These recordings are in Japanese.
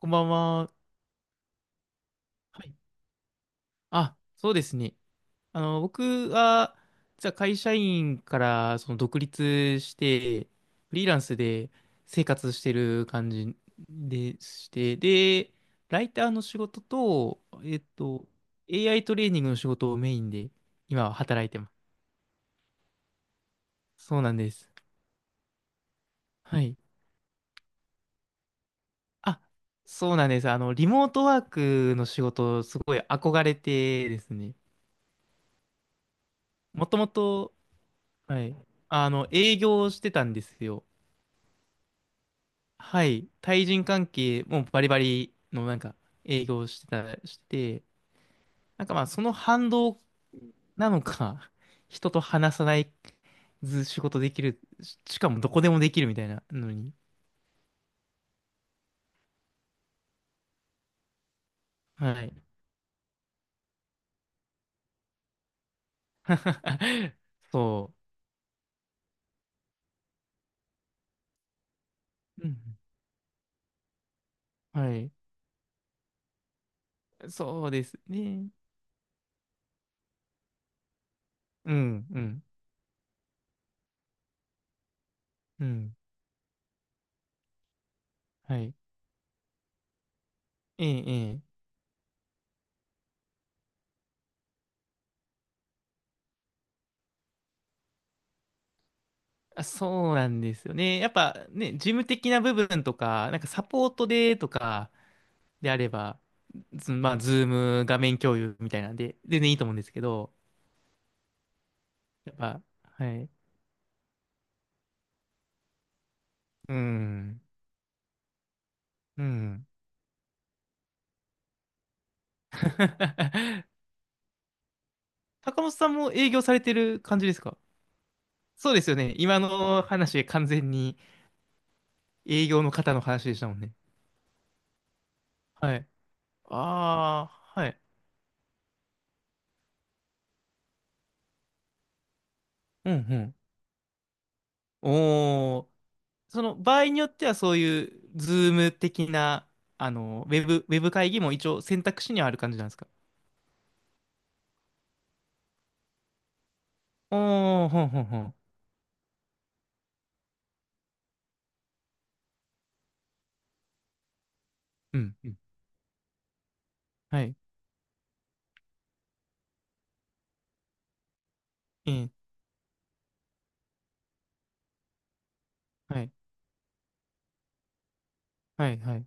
こんばんは。はい。あ、そうですね。僕は、実は会社員から独立して、フリーランスで生活してる感じでして、で、ライターの仕事と、AI トレーニングの仕事をメインで今は働いてます。そうなんです。はい。あ、そうなんです。あの、リモートワークの仕事、すごい憧れてですね。もともと、はい。あの、営業してたんですよ。はい。対人関係もバリバリのなんか営業してた、して、なんかまあその反動なのか、人と話さないず仕事できる、しかもどこでもできるみたいなのに。はい。そう。うん。はい。そうですね。うん、うん、うん。はい。ええ、ええ。あ、そうなんですよね。やっぱね、事務的な部分とか、なんかサポートでとか、であれば、まあ、ズーム画面共有みたいなんで、全然いいと思うんですけど、やっぱ、はい。うん。うん。高本さんも営業されてる感じですか？そうですよね。今の話、完全に営業の方の話でしたもんね。はい。ああ、はい。うんうん。おお、その場合によってはそういうズーム的な、あの、ウェブ、ウェブ会議も一応選択肢にはある感じなんですか？おおー、ほんほんほん。うん、うん。はい。ええ。はい、はい、はい、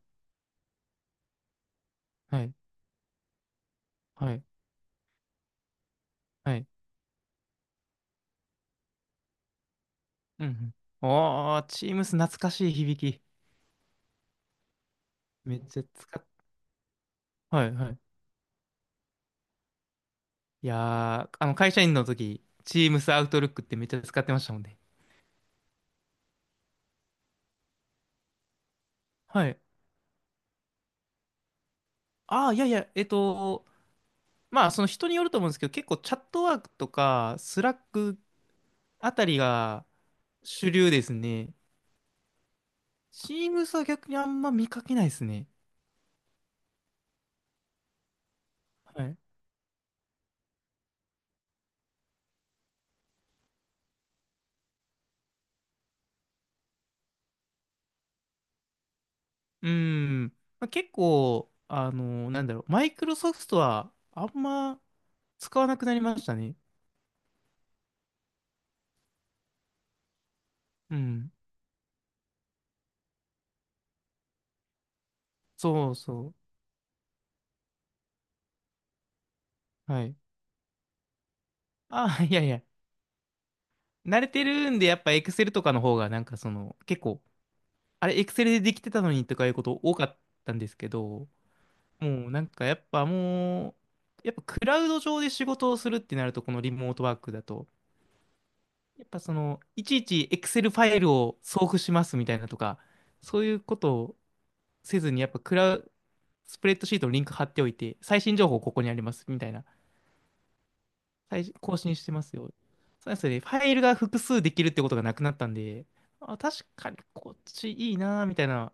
はい、はい、はい。うん。うん。おー、チームス懐かしい響き。めっちゃ使っ、はい、はい。いやー、あの、会社員の時、チームスアウトルックってめっちゃ使ってましたもんね。はい。ああ、いやいや、まあ、その人によると思うんですけど、結構チャットワークとか、スラックあたりが主流ですね。チームスは逆にあんま見かけないですね。はい。うーん。まあ、結構、あの、なんだろう、マイクロソフトはあんま使わなくなりましたね。うん。そうそう。はい。あ、いやいや。慣れてるんで、やっぱ Excel とかの方が、なんかその、結構、あれ、Excel でできてたのにとかいうこと多かったんですけど、もうなんかやっぱもう、やっぱクラウド上で仕事をするってなると、このリモートワークだと、やっぱその、いちいち Excel ファイルを送付しますみたいなとか、そういうことをせずに、やっぱクラウ、スプレッドシートのリンク貼っておいて、最新情報ここにありますみたいな、最新更新してますよ。そうですね、ファイルが複数できるってことがなくなったんで、あ、確かにこっちいいな、みたいな。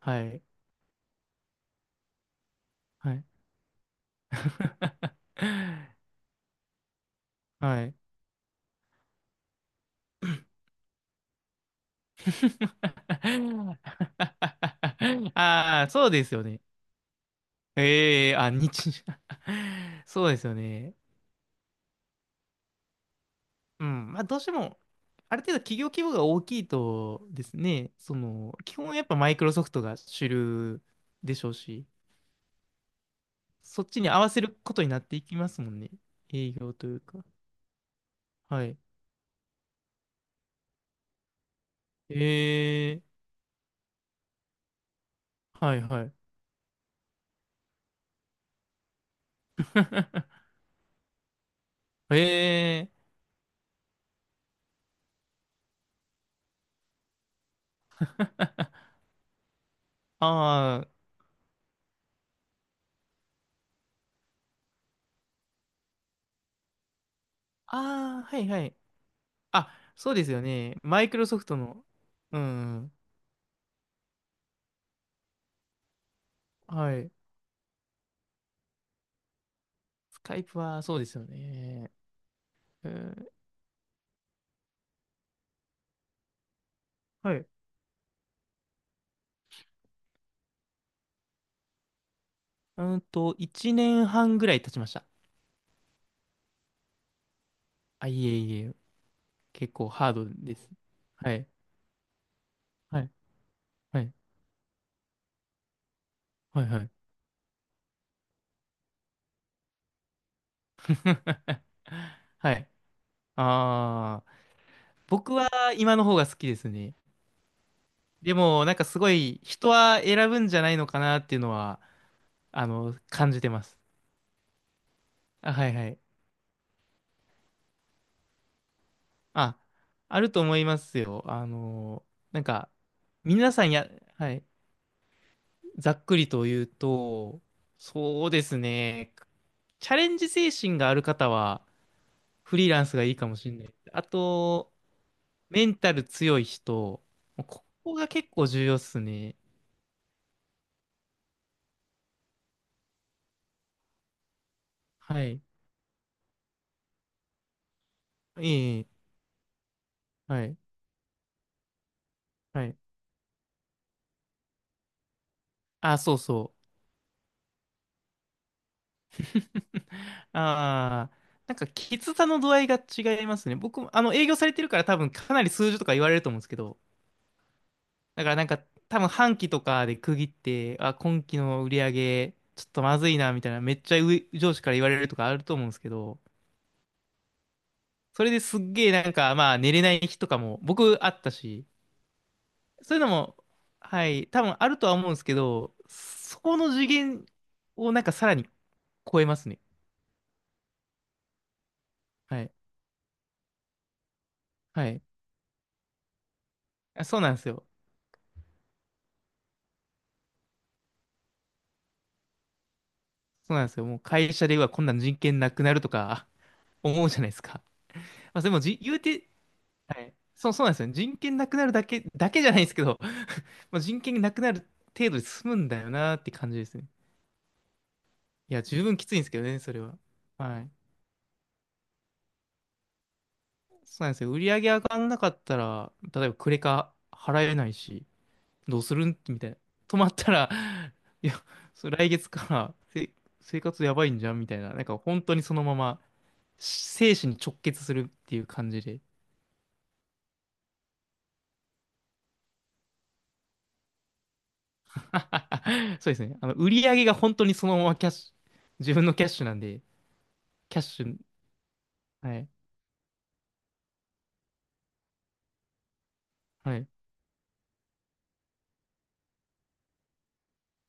はい。はい。はい。ああ、そうですよね。ええあ、日、そうですよね。うん、まあどうしても、ある程度企業規模が大きいとですね、その、基本やっぱマイクロソフトが主流でしょうし、そっちに合わせることになっていきますもんね。営業というか。はい。えー、はいはい。えー、あー、あー、はいはい。あ、そうですよね。マイクロソフトの、うん、はい。スカイプはそうですよね。うん。はい。うんと、1年半ぐらい経ちました。あ、いえいえ、結構ハードです。はい。はい。はい。はい。はい。はい。ああ、僕は今の方が好きですね。でも、なんかすごい人は選ぶんじゃないのかなっていうのは、あの、感じてます。あ、はいはい。あ、あると思いますよ。あの、なんか、皆さんや、はい、ざっくりと言うと、そうですね。チャレンジ精神がある方は、フリーランスがいいかもしれない。あと、メンタル強い人、ここが結構重要っすね。はい。ええ、はい。はい。あ、そうそう。ああ、なんか、きつさの度合いが違いますね。僕も、あの、営業されてるから多分かなり数字とか言われると思うんですけど、だからなんか、多分半期とかで区切って、あ、今期の売り上げ、ちょっとまずいな、みたいな、めっちゃ上司から言われるとかあると思うんですけど、それですっげえなんか、まあ、寝れない日とかも僕あったし、そういうのも、はい、多分あるとは思うんですけど、そこの次元をなんかさらに超えますね。はい。はい。あ、そうなんですよ。そうなんですよ。もう会社ではこんなん人権なくなるとか 思うじゃないですか。まあ、それもじ、言うて、はい。そう、そうなんですよ。人権なくなるだけ、だけじゃないですけど、まあ、人権なくなる程度で済むんだよなって感じですね。いや、十分きついんですけどね、それは。はい。そうなんですよ。売り上げ上がんなかったら、例えばクレカ払えないし、どうするんみたいな。止まったら、いや、それ来月から生活やばいんじゃんみたいな。なんか本当にそのまま生死に直結するっていう感じで。そうですね。あの、売り上げが本当にそのままキャッシュ、自分のキャッシュなんで、キャッシュ、はい、はい。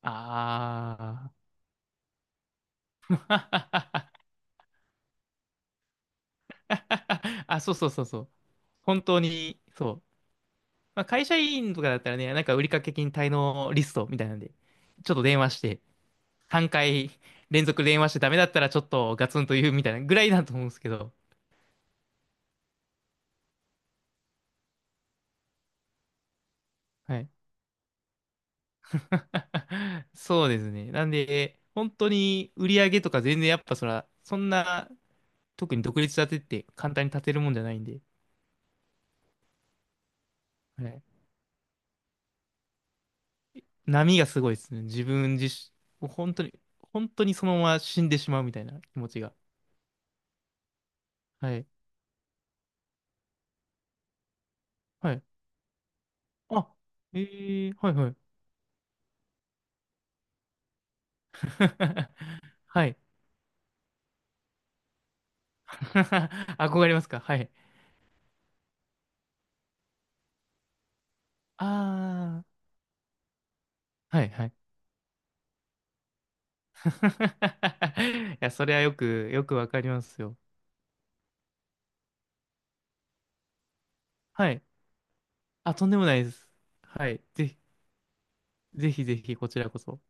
ああ。あ、そうそうそうそう。本当に、そう。まあ、会社員とかだったらね、なんか売掛金滞納リストみたいなんで、ちょっと電話して、3回連続電話してダメだったらちょっとガツンと言うみたいなぐらいだと思うんですけど。はい。そうですね。なんで、本当に売り上げとか全然やっぱそら、そんな、特に独立立てって簡単に立てるもんじゃないんで、はい。波がすごいですね。自分自身、もう本当に、本当にそのまま死んでしまうみたいな気持ちが。はい。はい。あ、えー、はいはい。はい。憧れますか？はい。ああ、はいはい。いや、それはよく、よくわかりますよ。はい。あ、とんでもないです。はい。ぜひ、ぜひぜひ、こちらこそ。